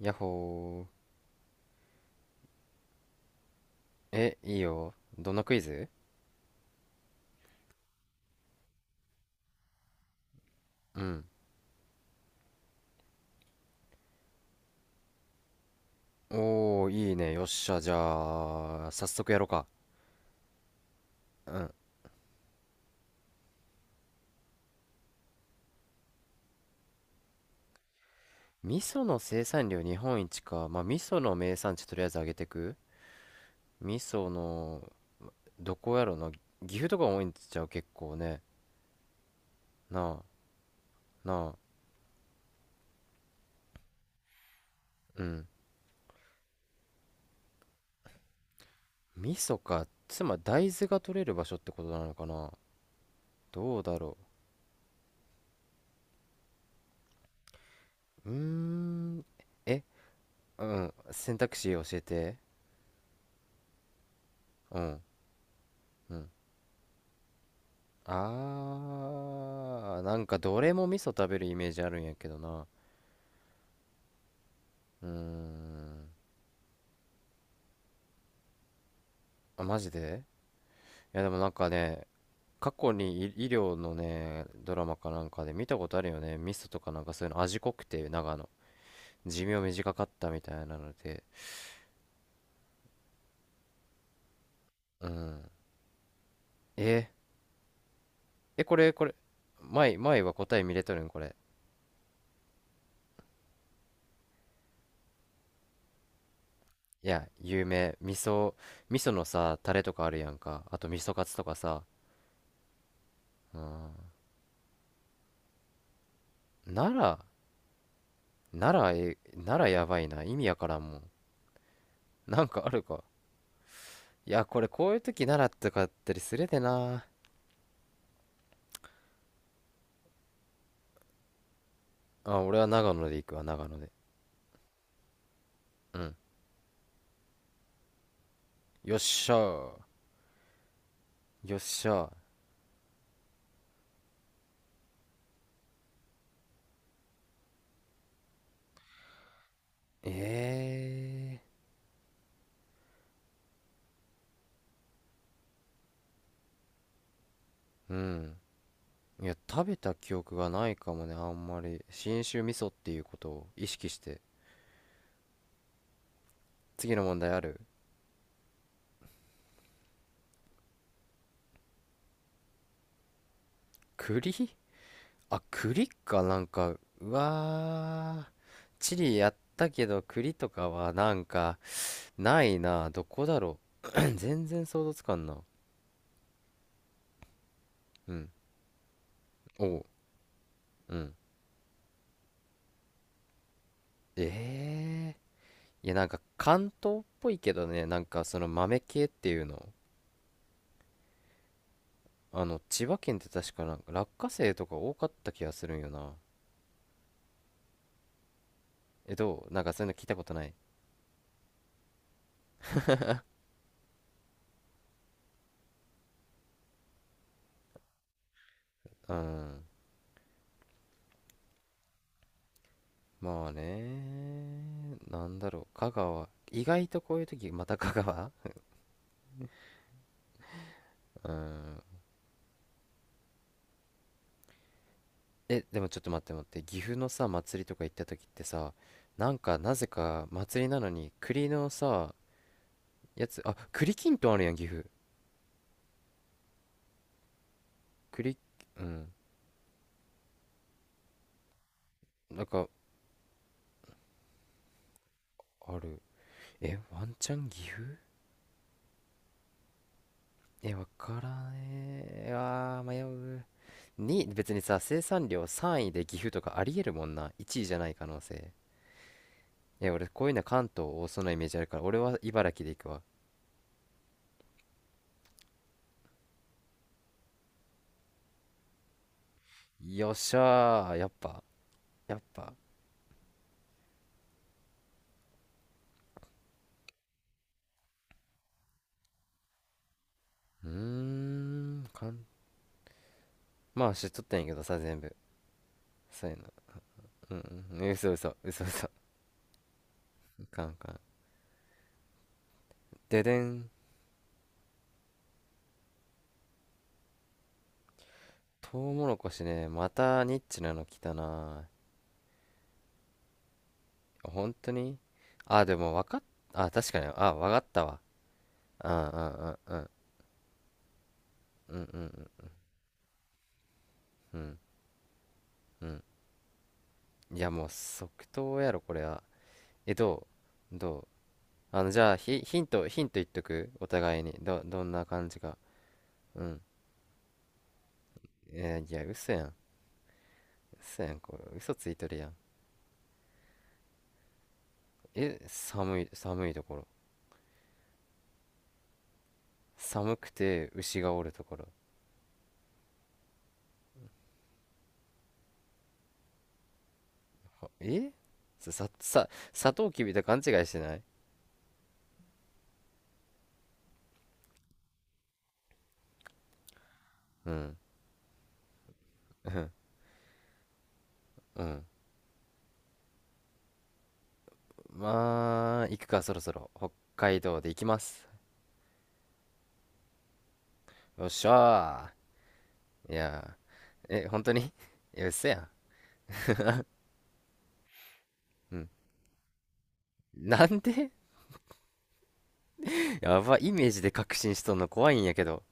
やっほー。いいよ。どんなクイズ？うん。おー、いいね。よっしゃ。じゃあ、早速やろうか。うん。味噌の生産量日本一か。まあ、味噌の名産地とりあえず上げてく。味噌の、どこやろな。岐阜とか多いんちゃう、結構ね。なあ、なあ。うん。味噌か。つまり大豆が取れる場所ってことなのかな。どうだろう。うーん。え、うん。選択肢教えて。うん。うん。あー、なんかどれも味噌食べるイメージあるんやけどな。うーん。あ、マジで？いやでもなんかね、過去に医療のね、ドラマかなんかで見たことあるよね。味噌とかなんかそういうの味濃くて、長野。寿命短かったみたいなので。うん。え、これ、これ、前は答え見れとるんこれ。いや、有名。味噌のさ、タレとかあるやんか。あと味噌カツとかさ。奈良、奈良やばいな。意味やからんもん。なんかあるか？いや、これ、こういう時奈良とかあったりするでな。あ、俺は長野で行くわ、長野で。うん。よっしゃー。よっしゃー。えうん。いや、食べた記憶がないかもね、あんまり信州味噌っていうことを意識して。次の問題ある？栗。あ、栗かなんか。うわー、チリやったけど栗とかはなんかないな。どこだろう。 全然想像つかんな。うん。おう。うん。ええーいや、なんか関東っぽいけどね、なんかその豆系っていうの。あの千葉県って確かなんか落花生とか多かった気がするんよな。え、どう？なんかそういうの聞いたことない？うん。まあね、なんだろう、香川意外とこういう時また香川。 うん。え、でもちょっと待って待って、岐阜のさ祭りとか行った時ってさ、なんかなぜか祭りなのに栗のさ、やつ。あ、栗きんとんあるやん、岐阜。栗。うん。なんかある。え、ワンチャン岐阜。え、わからねえ。あー、迷う。別にさ、生産量3位で岐阜とかありえるもんな。1位じゃない可能性。え、俺、こういうの関東多そうなイメージあるから、俺は茨城で行くわ。よっしゃー、やっぱ、やっぱ。うーん、まあ、知っとったんやけどさ、全部。そうやな。うん、うん、うん、嘘嘘、嘘嘘。いかんいかん。ででん。トウモロコシね、またニッチなの来たな。本当に？あ、でも分かっ、あ、確かに、あ、分かったわ。うん、うん、うん、うん、うん、うん、うん、うん。いや、もう即答やろ、これは。え、どうどうあの、じゃあ、ヒント言っとくお互いに。どんな感じか。うん。いや、嘘やん。嘘やん、これ。嘘ついとるやん。え、寒いところ。寒くて牛がおるところ。はえ、さ、さ、さ、サトウキビと勘違いしてない？うん。うん。うん。まあ、行くか、そろそろ。北海道で行きます。よっしゃー。いやー、本当に、いや、嘘やん。うん。なんで？ やば、イメージで確信しとんの怖いんやけど。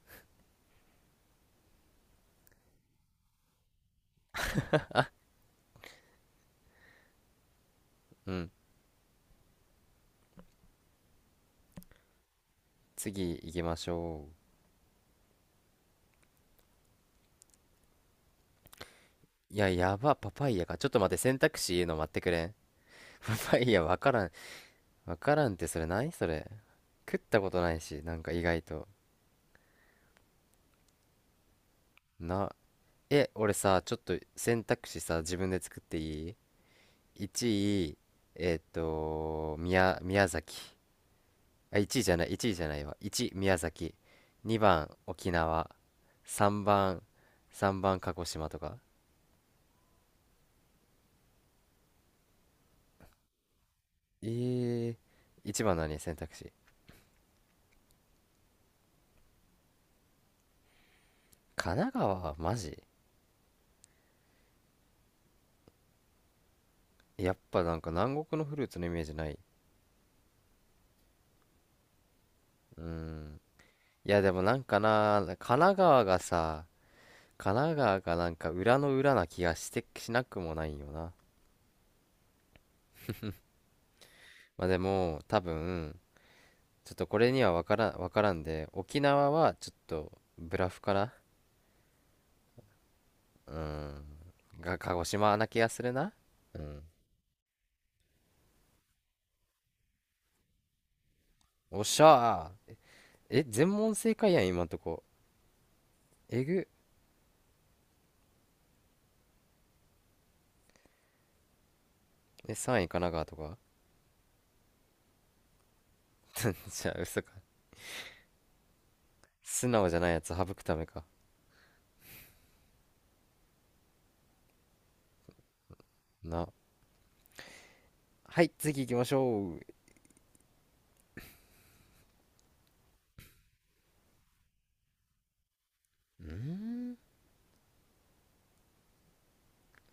うん。次行きましょう。いや、やば、パパイヤか。ちょっと待って、選択肢言うの待ってくれん。パパイヤわからん。わからんってそれ何それ。食ったことないし、なんか意外と。な、俺さ、ちょっと選択肢さ、自分で作っていい？1位、宮崎。あ、1位じゃない、1位じゃないわ。1、宮崎。2番、沖縄。3番、3番、鹿児島とか。え1番何選択肢。神奈川、マジ？やっぱなんか南国のフルーツのイメージない。うーん。いや、でもなんかな、神奈川がさ、神奈川がなんか裏の裏な気がして、しなくもないよな。まあでも、多分、ちょっとこれには分からん、分からんで、沖縄はちょっとブラフかな。うん。鹿児島な気がするな。うん。おっしゃー。え、全問正解やん、今んとこ。えぐ。え、3位神奈川とか？ じゃあ、嘘か。素直じゃないやつ省くためか。な。はい、次行きましょう。んーん。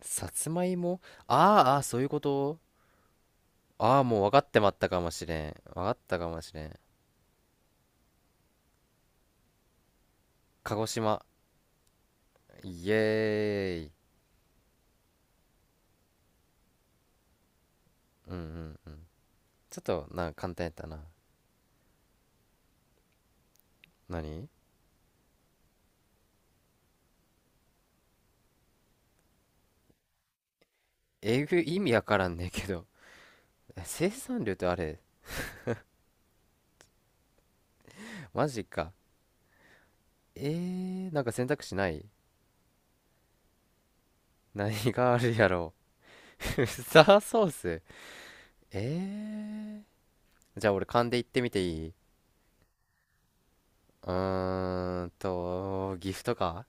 さつまいも。あーあー、そういうこと？ああ、もう分かってまったかもしれん。分かったかもしれん。鹿児島。イエーイ。うん。うん。ちょっとな、簡単やったな。何？えぐい、意味わからんねんけど。え、 生産量ってあれ？マジか。えなんか選択肢ない？何があるやろう。 ウスタ ーソース。えー、じゃあ俺勘で言ってみていい？岐阜とか。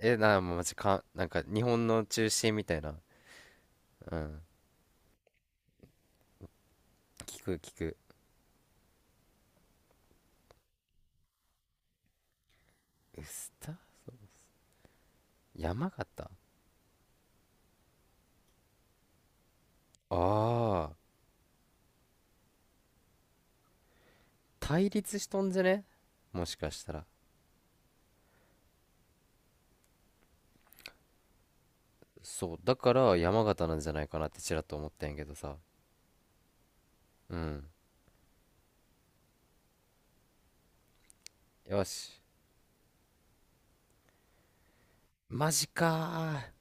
え、マジか、なんか日本の中心みたいな。うん。聞く聞く。ウスタ山形。ああー、対立しとんじゃね？もしかしたら。そう、だから山形なんじゃないかなってちらっと思ったんやけどさ。うん。よし。マジかー。